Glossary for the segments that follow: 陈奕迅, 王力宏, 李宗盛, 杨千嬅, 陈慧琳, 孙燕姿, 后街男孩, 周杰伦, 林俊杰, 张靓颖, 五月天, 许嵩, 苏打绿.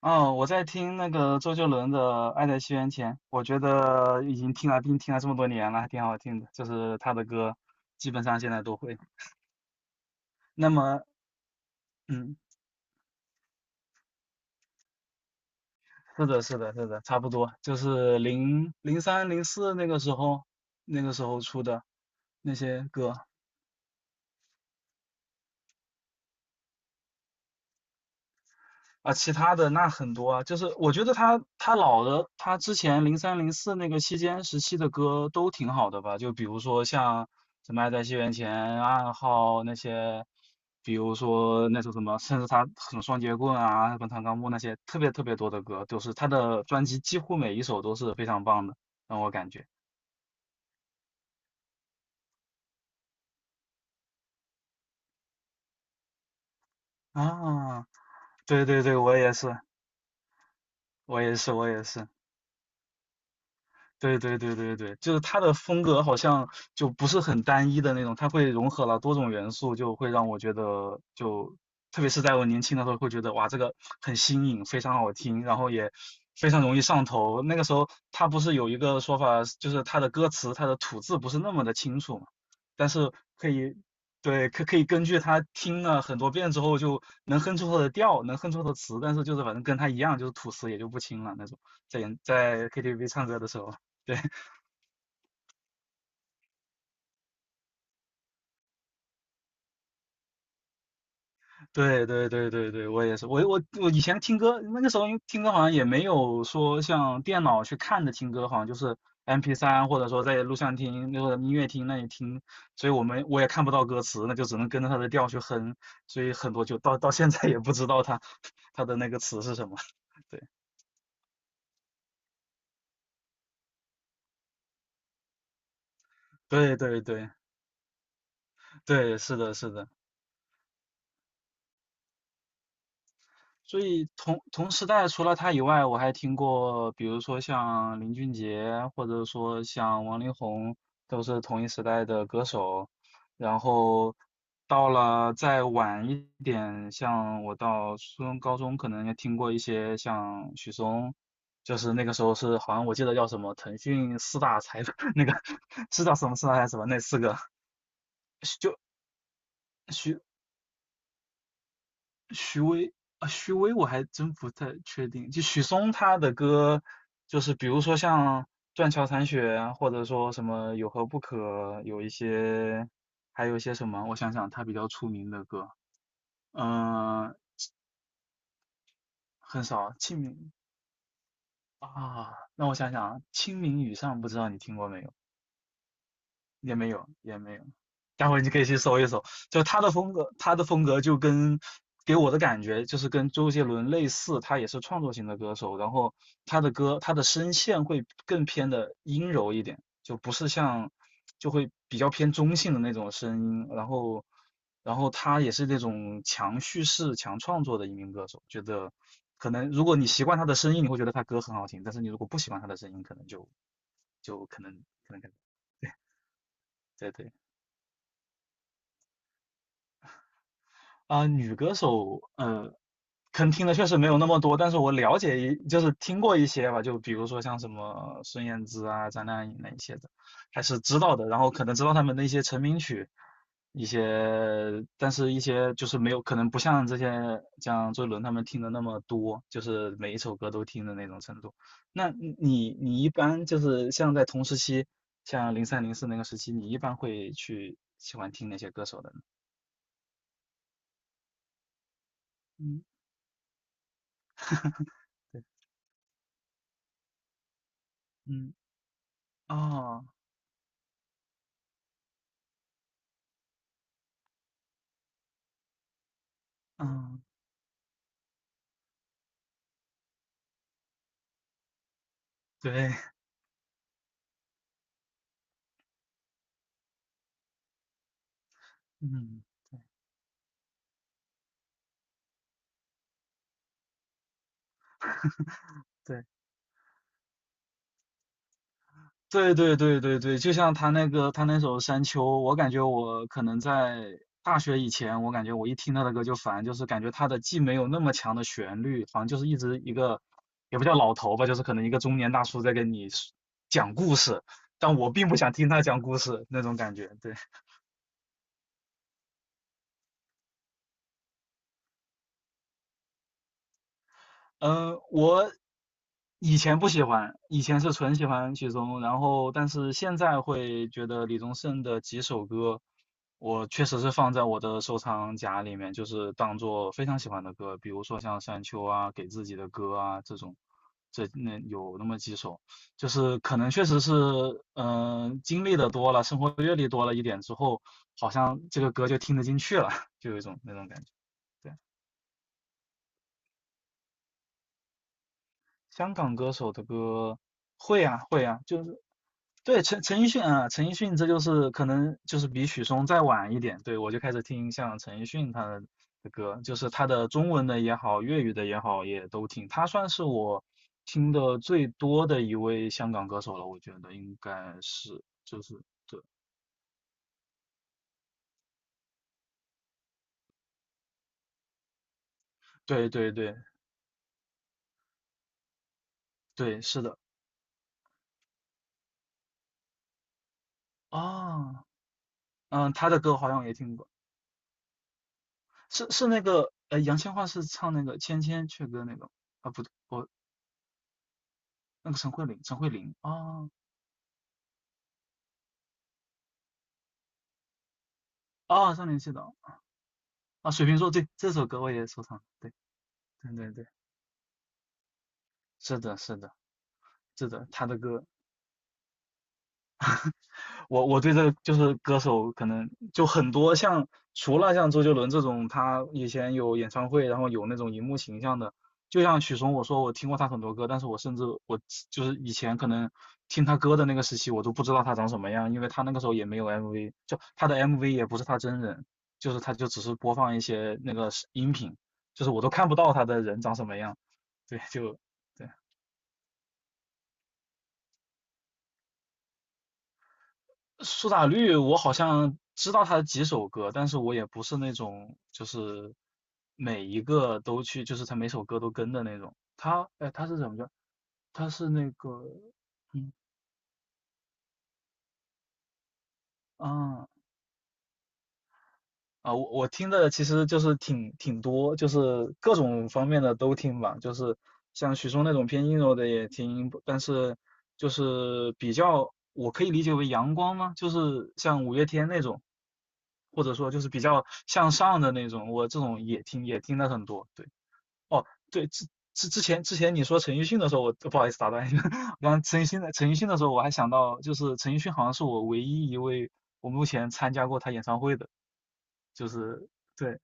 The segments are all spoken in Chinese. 哦，我在听那个周杰伦的《爱在西元前》，我觉得已经听了这么多年了，还挺好听的。就是他的歌，基本上现在都会。那么，嗯，是的，是的，是的，差不多，就是零零三零四那个时候，那个时候出的那些歌。其他的那很多啊，就是我觉得他老的，他之前零三零四那个时期的歌都挺好的吧，就比如说像什么《爱在西元前》暗号那些，比如说那首什么，甚至他什么双截棍啊、滚烫钢木那些，特别特别多的歌，都是他的专辑几乎每一首都是非常棒的，让我感觉啊。对对对，我也是，我也是，我也是。对对对对对，就是他的风格好像就不是很单一的那种，他会融合了多种元素，就会让我觉得就，特别是在我年轻的时候，会觉得哇，这个很新颖，非常好听，然后也非常容易上头。那个时候他不是有一个说法，就是他的歌词他的吐字不是那么的清楚嘛，但是可以，对，可以根据他听了很多遍之后，就能哼出他的调，能哼出他的词，但是就是反正跟他一样，就是吐词也就不清了那种，在 KTV 唱歌的时候。对 对对对对对，我也是，我以前听歌，那个时候因为听歌好像也没有说像电脑去看的听歌，好像就是 m p 三或者说在录像厅那个音乐厅那里听，所以我也看不到歌词，那就只能跟着它的调去哼，所以很多就到现在也不知道它 它的那个词是什么。对对对对对，是的，是的。所以同时代除了他以外，我还听过，比如说像林俊杰，或者说像王力宏，都是同一时代的歌手。然后到了再晚一点，像我到初中、高中，可能也听过一些像许嵩，就是那个时候是好像我记得叫什么腾讯四大才 那个 知道什么四大才什么那四个，就许徐巍啊，徐巍我还真不太确定。就许嵩他的歌，就是比如说像《断桥残雪》啊，或者说什么《有何不可》，有一些，还有一些什么，我想想，他比较出名的歌，嗯、很少。清明啊，让我想想啊，《清明雨上》不知道你听过没？有？也没有，也没有。待会你可以去搜一搜，就他的风格，他的风格就跟给我的感觉就是跟周杰伦类似，他也是创作型的歌手，然后他的歌，他的声线会更偏的阴柔一点，就不是像就会比较偏中性的那种声音，然后他也是那种强叙事、强创作的一名歌手，觉得可能如果你习惯他的声音，你会觉得他歌很好听，但是你如果不喜欢他的声音，可能就就可能可能。对对。啊、女歌手，可能听的确实没有那么多，但是我了解一，就是听过一些吧，就比如说像什么孙燕姿啊、张靓颖那一些的，还是知道的。然后可能知道他们的一些成名曲，一些，但是一些就是没有，可能不像这些像周杰伦他们听的那么多，就是每一首歌都听的那种程度。那你一般就是像在同时期，像零三零四那个时期，你一般会去喜欢听哪些歌手的呢？嗯对，嗯。哦，嗯，对，嗯，对，对，对，对，对，对，对，就像他那个他那首《山丘》，我感觉我可能在大学以前，我感觉我一听他的歌就烦，就是感觉他的既没有那么强的旋律，好像就是一直一个，也不叫老头吧，就是可能一个中年大叔在跟你 讲故事，但我并不想听他讲故事那种感觉，对。嗯，我以前不喜欢，以前是纯喜欢许嵩，然后但是现在会觉得李宗盛的几首歌，我确实是放在我的收藏夹里面，就是当做非常喜欢的歌，比如说像《山丘》啊、给自己的歌啊这种，这那有那么几首，就是可能确实是，嗯、经历的多了，生活阅历多了一点之后，好像这个歌就听得进去了，就有一种那种感觉。对。香港歌手的歌会啊会啊，就是对陈奕迅啊，陈奕迅这就是可能就是比许嵩再晚一点，对我就开始听像陈奕迅他的歌，就是他的中文的也好，粤语的也好，也都听。他算是我听的最多的一位香港歌手了，我觉得应该是。对对对对，是的啊，嗯，他的歌好像也听过，是那个杨千嬅是唱那个《千千阙歌》那个啊，不我那个陈慧琳，陈慧琳啊啊，少年气的啊，水瓶座对这首歌我也收藏，对对对对，是的是的是的，他的歌我对这个就是歌手可能就很多像除了像周杰伦这种，他以前有演唱会，然后有那种荧幕形象的，就像许嵩，我说我听过他很多歌，但是我甚至就是以前可能听他歌的那个时期，我都不知道他长什么样，因为他那个时候也没有 MV,就他的 MV 也不是他真人，就是他就只是播放一些那个音频，就是我都看不到他的人长什么样，对，就对。苏打绿，我好像知道他的几首歌，但是我也不是那种就是每一个都去，就是他每首歌都跟的那种。他，哎，他是怎么着？他是那个，嗯啊，啊，我听的其实就是挺多，就是各种方面的都听吧，就是像许嵩那种偏阴柔的也听，但是就是比较我可以理解为阳光吗？就是像五月天那种，或者说就是比较向上的那种，我这种也听了很多。对，哦，对，之前你说陈奕迅的时候，我不好意思打断你，我刚刚陈奕迅的时候，我还想到就是陈奕迅好像是我唯一一位我目前参加过他演唱会的。就是对，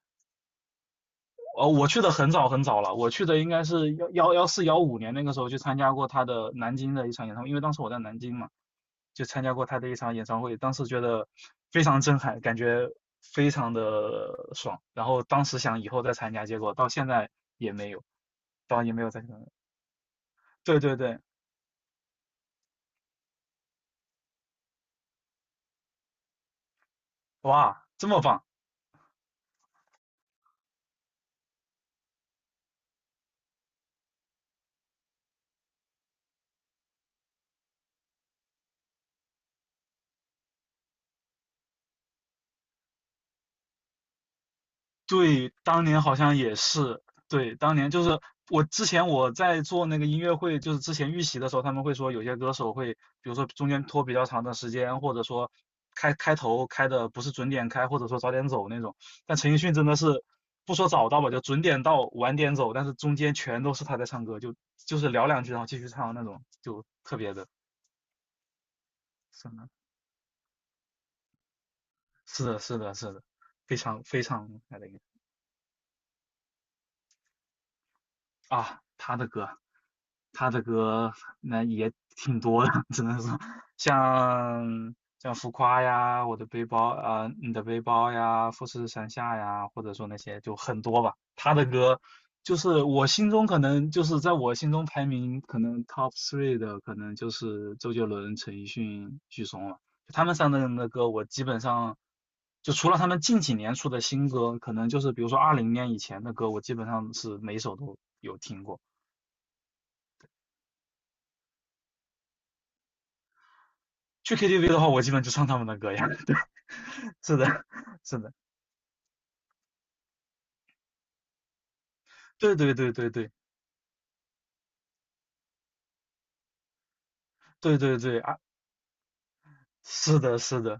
呃，我去的很早很早了，我去的应该是幺幺幺四幺五年那个时候去参加过他的南京的一场演唱会，因为当时我在南京嘛，就参加过他的一场演唱会，当时觉得非常震撼，感觉非常的爽，然后当时想以后再参加，结果到现在也没有，也没有再参加。对对对，哇，这么棒！对，当年好像也是，对，当年就是我之前在做那个音乐会，就是之前预习的时候，他们会说有些歌手会，比如说中间拖比较长的时间，或者说开头开的不是准点开，或者说早点走那种。但陈奕迅真的是不说早到吧，就准点到晚点走，但是中间全都是他在唱歌，就是聊两句然后继续唱那种，就特别的，是的，是的，是的，是的，非常非常厉害的一个。啊，他的歌那也挺多的，只能说像浮夸呀，我的背包啊、你的背包呀，富士山下呀，或者说那些就很多吧。他的歌就是我心中可能就是在我心中排名可能 top three 的，可能就是周杰伦、陈奕迅、许嵩了。就他们三个人的歌，我基本上就除了他们近几年出的新歌，可能就是比如说2020年以前的歌，我基本上是每首都有听过。去 KTV 的话，我基本就唱他们的歌呀。对，是的，是的，对对对对对对对对啊！是的，是的，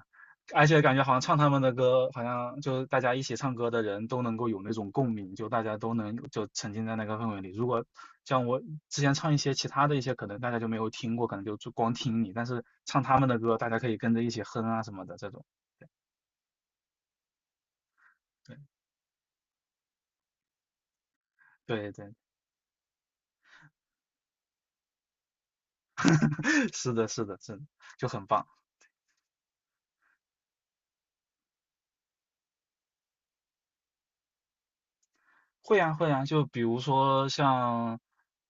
而且感觉好像唱他们的歌，好像就是大家一起唱歌的人都能够有那种共鸣，就大家都能就沉浸在那个氛围里。如果像我之前唱一些其他的一些，可能大家就没有听过，可能就光听你，但是唱他们的歌，大家可以跟着一起哼啊什么的这种。对对对，是的，是的，是的，就很棒。会啊会啊，就比如说像，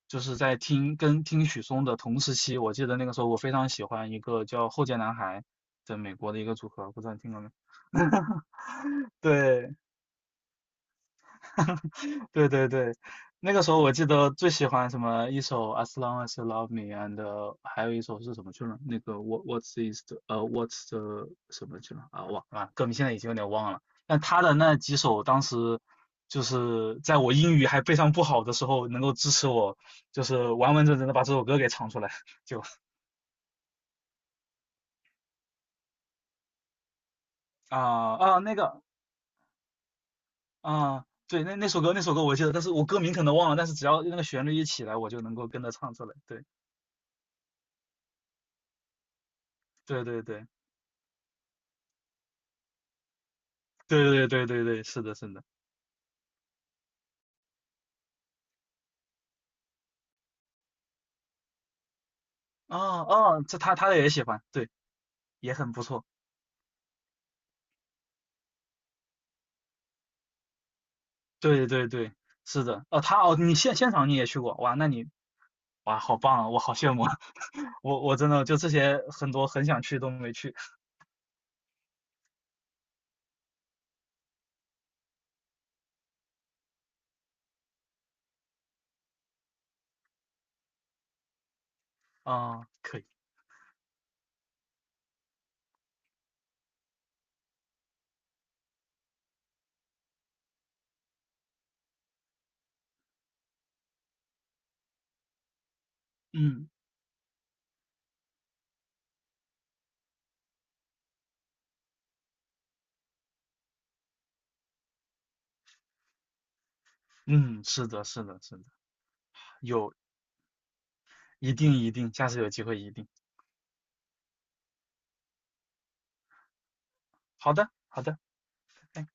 就是在听跟听许嵩的同时期，我记得那个时候我非常喜欢一个叫后街男孩的美国的一个组合，不知道你听过没？对，对对对，那个时候我记得最喜欢什么一首《As Long as You Love Me》，and 还有一首是什么去了？那个 What's the 什么去了啊？忘了，歌名现在已经有点忘了。但他的那几首，当时就是在我英语还非常不好的时候，能够支持我，就是完完整整的把这首歌给唱出来。就啊啊那个啊，对，那首歌我记得，但是我歌名可能忘了，但是只要那个旋律一起来，我就能够跟着唱出来。对对对对。对对对对对，是的，是的。哦哦，他也喜欢，对，也很不错。对对对，是的。哦，现场你也去过，哇，哇，好棒啊，我好羡慕啊。我真的就这些很多很想去都没去。啊，可以。嗯嗯，是的，是的，是的，有，一定一定，下次有机会一定。好的，好的。拜拜。